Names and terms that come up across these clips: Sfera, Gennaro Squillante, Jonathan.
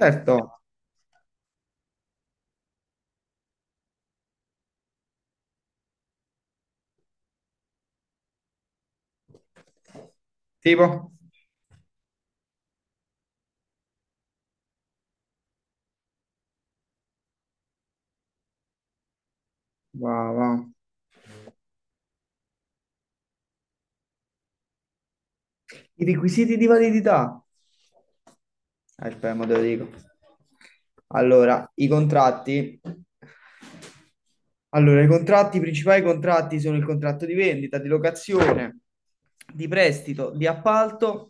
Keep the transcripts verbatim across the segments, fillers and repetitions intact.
Certo, tipo, va, va. I requisiti di validità. Aspetta, mo te lo dico. Allora, i contratti. Allora, i contratti, i principali contratti sono il contratto di vendita, di locazione, di prestito, di appalto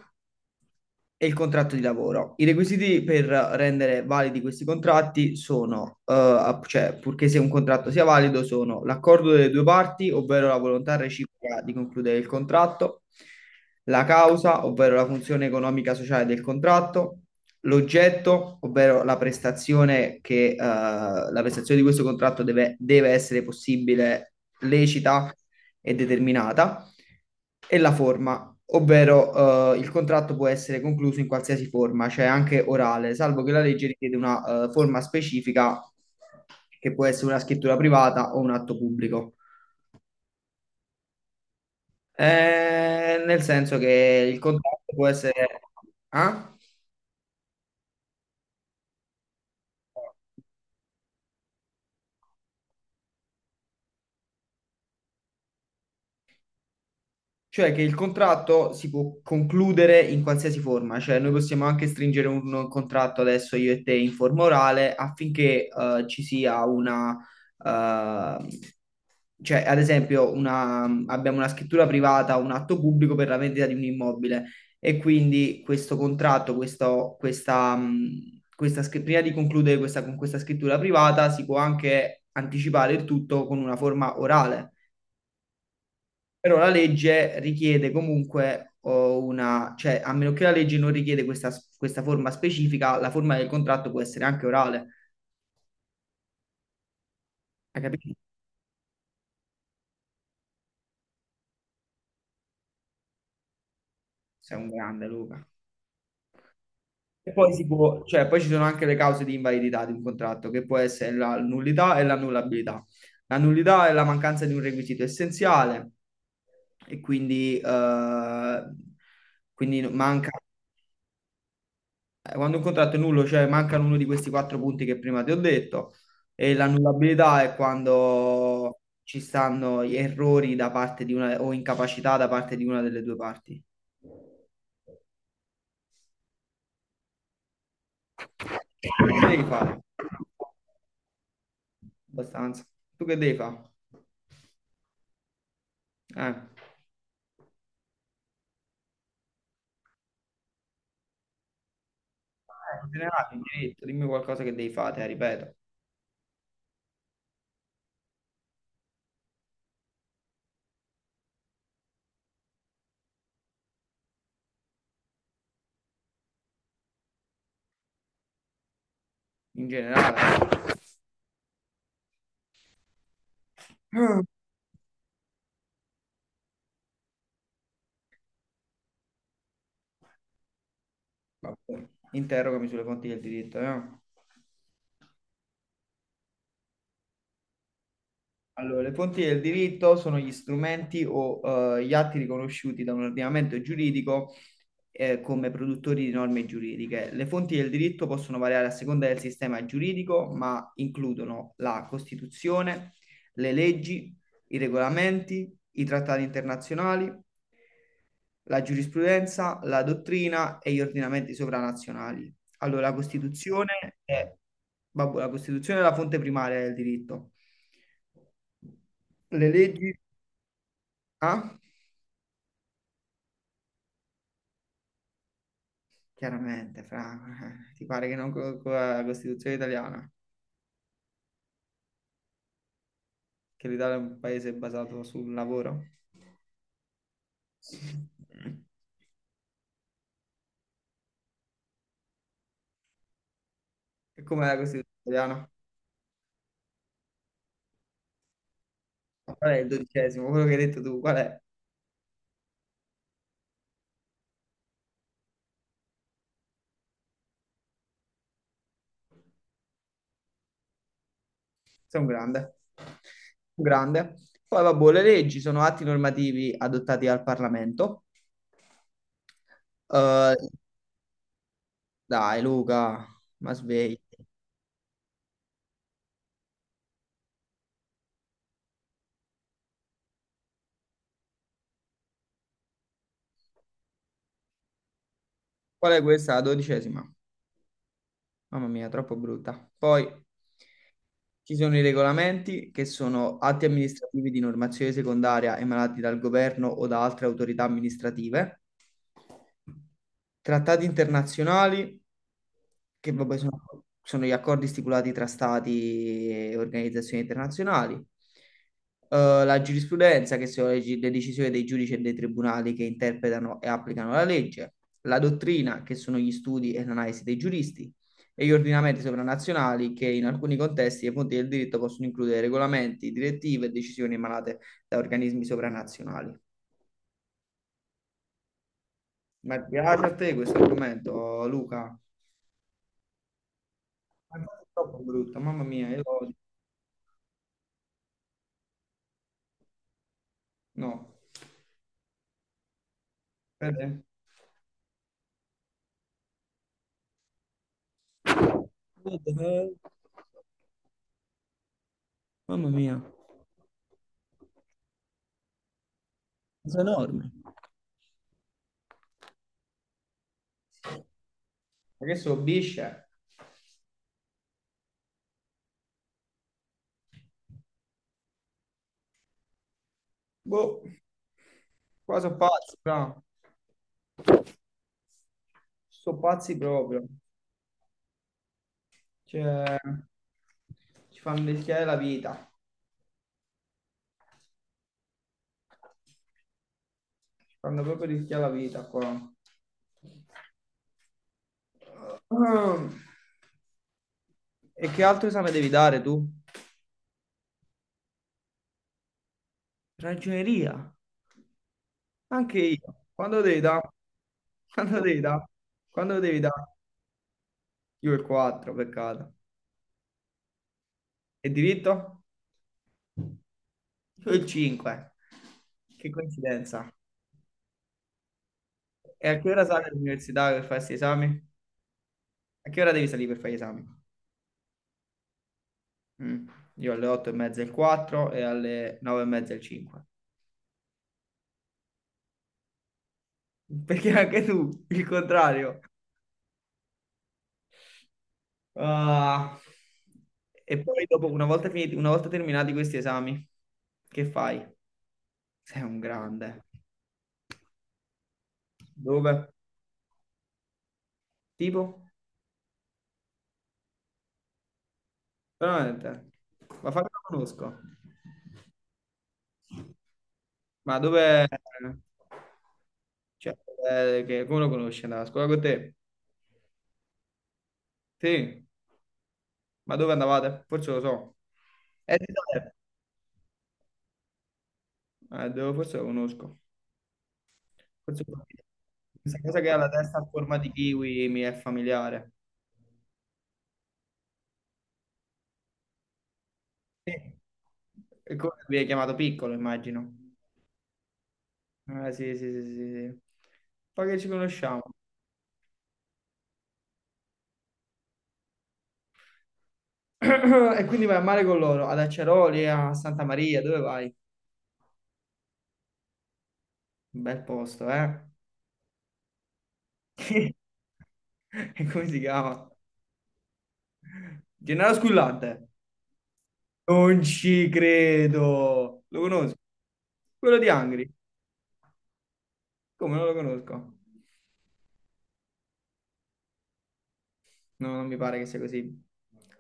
e il contratto di lavoro. I requisiti per rendere validi questi contratti sono, eh, app- cioè, purché sia un contratto sia valido, sono l'accordo delle due parti, ovvero la volontà reciproca di concludere il contratto, la causa, ovvero la funzione economica sociale del contratto, l'oggetto, ovvero la prestazione che, eh, la prestazione di questo contratto deve, deve essere possibile, lecita e determinata e la forma, ovvero eh, il contratto può essere concluso in qualsiasi forma, cioè anche orale, salvo che la legge richiede una eh, forma specifica che può essere una scrittura privata o un atto pubblico. Eh, nel senso che il contratto può essere. Ah? Cioè che il contratto si può concludere in qualsiasi forma, cioè noi possiamo anche stringere un contratto adesso io e te in forma orale affinché eh, ci sia una, eh, cioè, ad esempio, una- abbiamo una scrittura privata, un atto pubblico per la vendita di un immobile e quindi questo contratto, questo- questa, mh, questa scri- prima di concludere questa- con questa scrittura privata, si può anche anticipare il tutto con una forma orale. Però la legge richiede comunque oh, una, cioè, a meno che la legge non richiede questa, questa forma specifica, la forma del contratto può essere anche orale. Hai capito? Sei un grande, Luca. E poi, si può- cioè, poi ci sono anche le cause di invalidità di un contratto, che può essere la nullità e l'annullabilità. La nullità è la mancanza di un requisito essenziale e quindi, eh, quindi manca, quando un contratto è nullo, cioè mancano uno di questi quattro punti che prima ti ho detto, e l'annullabilità è quando ci stanno gli errori da parte di una o incapacità da parte di una delle due parti. Che devi fare? Abbastanza. Tu che devi fare? Eh. In generale, in diritto, dimmi qualcosa che devi fare, te, ripeto, in generale. Vabbè, interrogami sulle fonti del diritto, eh. Allora, le fonti del diritto sono gli strumenti o eh, gli atti riconosciuti da un ordinamento giuridico eh, come produttori di norme giuridiche. Le fonti del diritto possono variare a seconda del sistema giuridico, ma includono la Costituzione, le leggi, i regolamenti, i trattati internazionali, la giurisprudenza, la dottrina e gli ordinamenti sovranazionali. Allora, la Costituzione è, vabbè, la Costituzione è la fonte primaria del diritto. Le leggi. Ah, chiaramente, fra. Ti pare che non co- co- la Costituzione italiana, che l'Italia è un paese basato sul lavoro. E com'è la Costituzione italiana? Qual è il dodicesimo? Quello che hai detto tu, qual è? Sei un grande. Un grande. Poi, vabbè, le leggi sono atti normativi adottati dal Parlamento. Eh, dai, Luca, ma svegli. Qual è questa? La dodicesima. Mamma mia, troppo brutta. Poi ci sono i regolamenti che sono atti amministrativi di normazione secondaria emanati dal governo o da altre autorità amministrative. Trattati internazionali, che vabbè sono, sono, gli accordi stipulati tra stati e organizzazioni internazionali. Eh, la giurisprudenza, che sono le, gi- le decisioni dei giudici e dei tribunali che interpretano e applicano la legge. La dottrina, che sono gli studi e l'analisi dei giuristi. E gli ordinamenti sovranazionali, che in alcuni contesti e fonti del diritto possono includere regolamenti, direttive e decisioni emanate da organismi sovranazionali. Ma piace a te questo argomento, Luca? Ma no, è troppo brutto, mamma mia, io lo odio. No. Vede? Guarda, eh, mamma mia, sono enorme. Ma che so, bisce? Boh, qua sono pazzi, però. Sono pazzi proprio. Cioè, ci fanno rischiare la vita. Ci fanno proprio rischiare la vita qua. Ah. E che altro esame devi dare tu? Ragioneria. Anche io. Quando devi da? Quando devi da? Quando devi da? Io il quattro, peccato. E diritto? Io il cinque. Che coincidenza. E a che ora sali all'università per fare questi esami? A che ora devi salire per fare gli esami? Mm. Io alle otto e mezza il quattro e alle nove e mezza il cinque. Perché anche tu, il contrario. Ah. E poi dopo, una volta finiti, una volta terminati questi esami, che fai? Sei un grande. Dove? Tipo? Veramente? Ma fai che la conosco. Ma dove. Cioè, eh, che, come lo conosci? Andava a scuola con te? Sì. Ma dove andavate? Forse lo so. Eh, di dove? Eh, devo- forse lo conosco. Forse lo conosco. Questa cosa che ha la testa a forma di kiwi mi è familiare. Sì. E come vi hai chiamato piccolo, immagino. Ah, sì, sì, sì, sì, sì. Poi che ci conosciamo. E quindi vai a mare con loro, ad Aceroli, a Santa Maria, dove vai? Un bel posto, eh? E come si chiama? Gennaro Squillante. Non ci credo. Lo conosco. Quello di Angri. Come non lo conosco? No, non mi pare che sia così.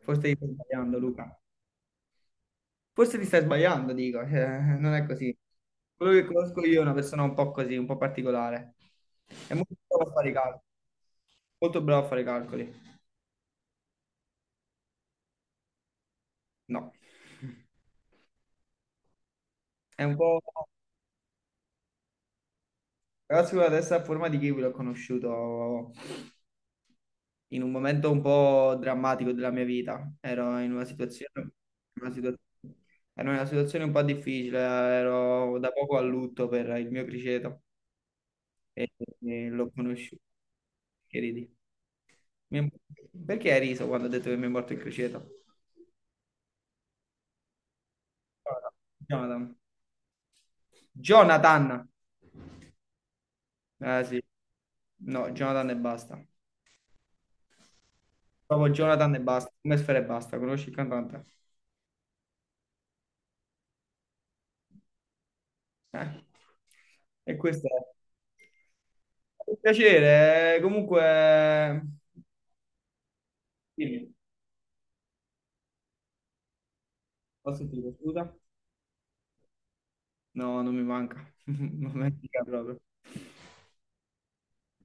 Forse ti stai sbagliando, Luca. Forse ti stai sbagliando, dico, eh, non è così. Quello che conosco io è una persona un po' così, un po' particolare. È molto bravo a fare i calcoli. Molto bravo a fare i calcoli. No. È un po'. Però sicuramente adesso è a forma di kiwi l'ho conosciuto in un momento un po' drammatico della mia vita. Ero in una situazione, una situa- ero in una situazione un po' difficile, ero da poco a lutto per il mio criceto e, e l'ho conosciuto. Che ridi? Mi- Perché hai riso quando ho detto che mi è morto il criceto? Jonathan. Jonathan. Ah, sì. No, Jonathan e basta. Proprio Jonathan e basta. Come Sfera e basta. Conosci il cantante? Eh, E questo è un piacere. eh, Comunque, dimmi, ho sentito, scusa? No, non mi manca, non mi manca proprio.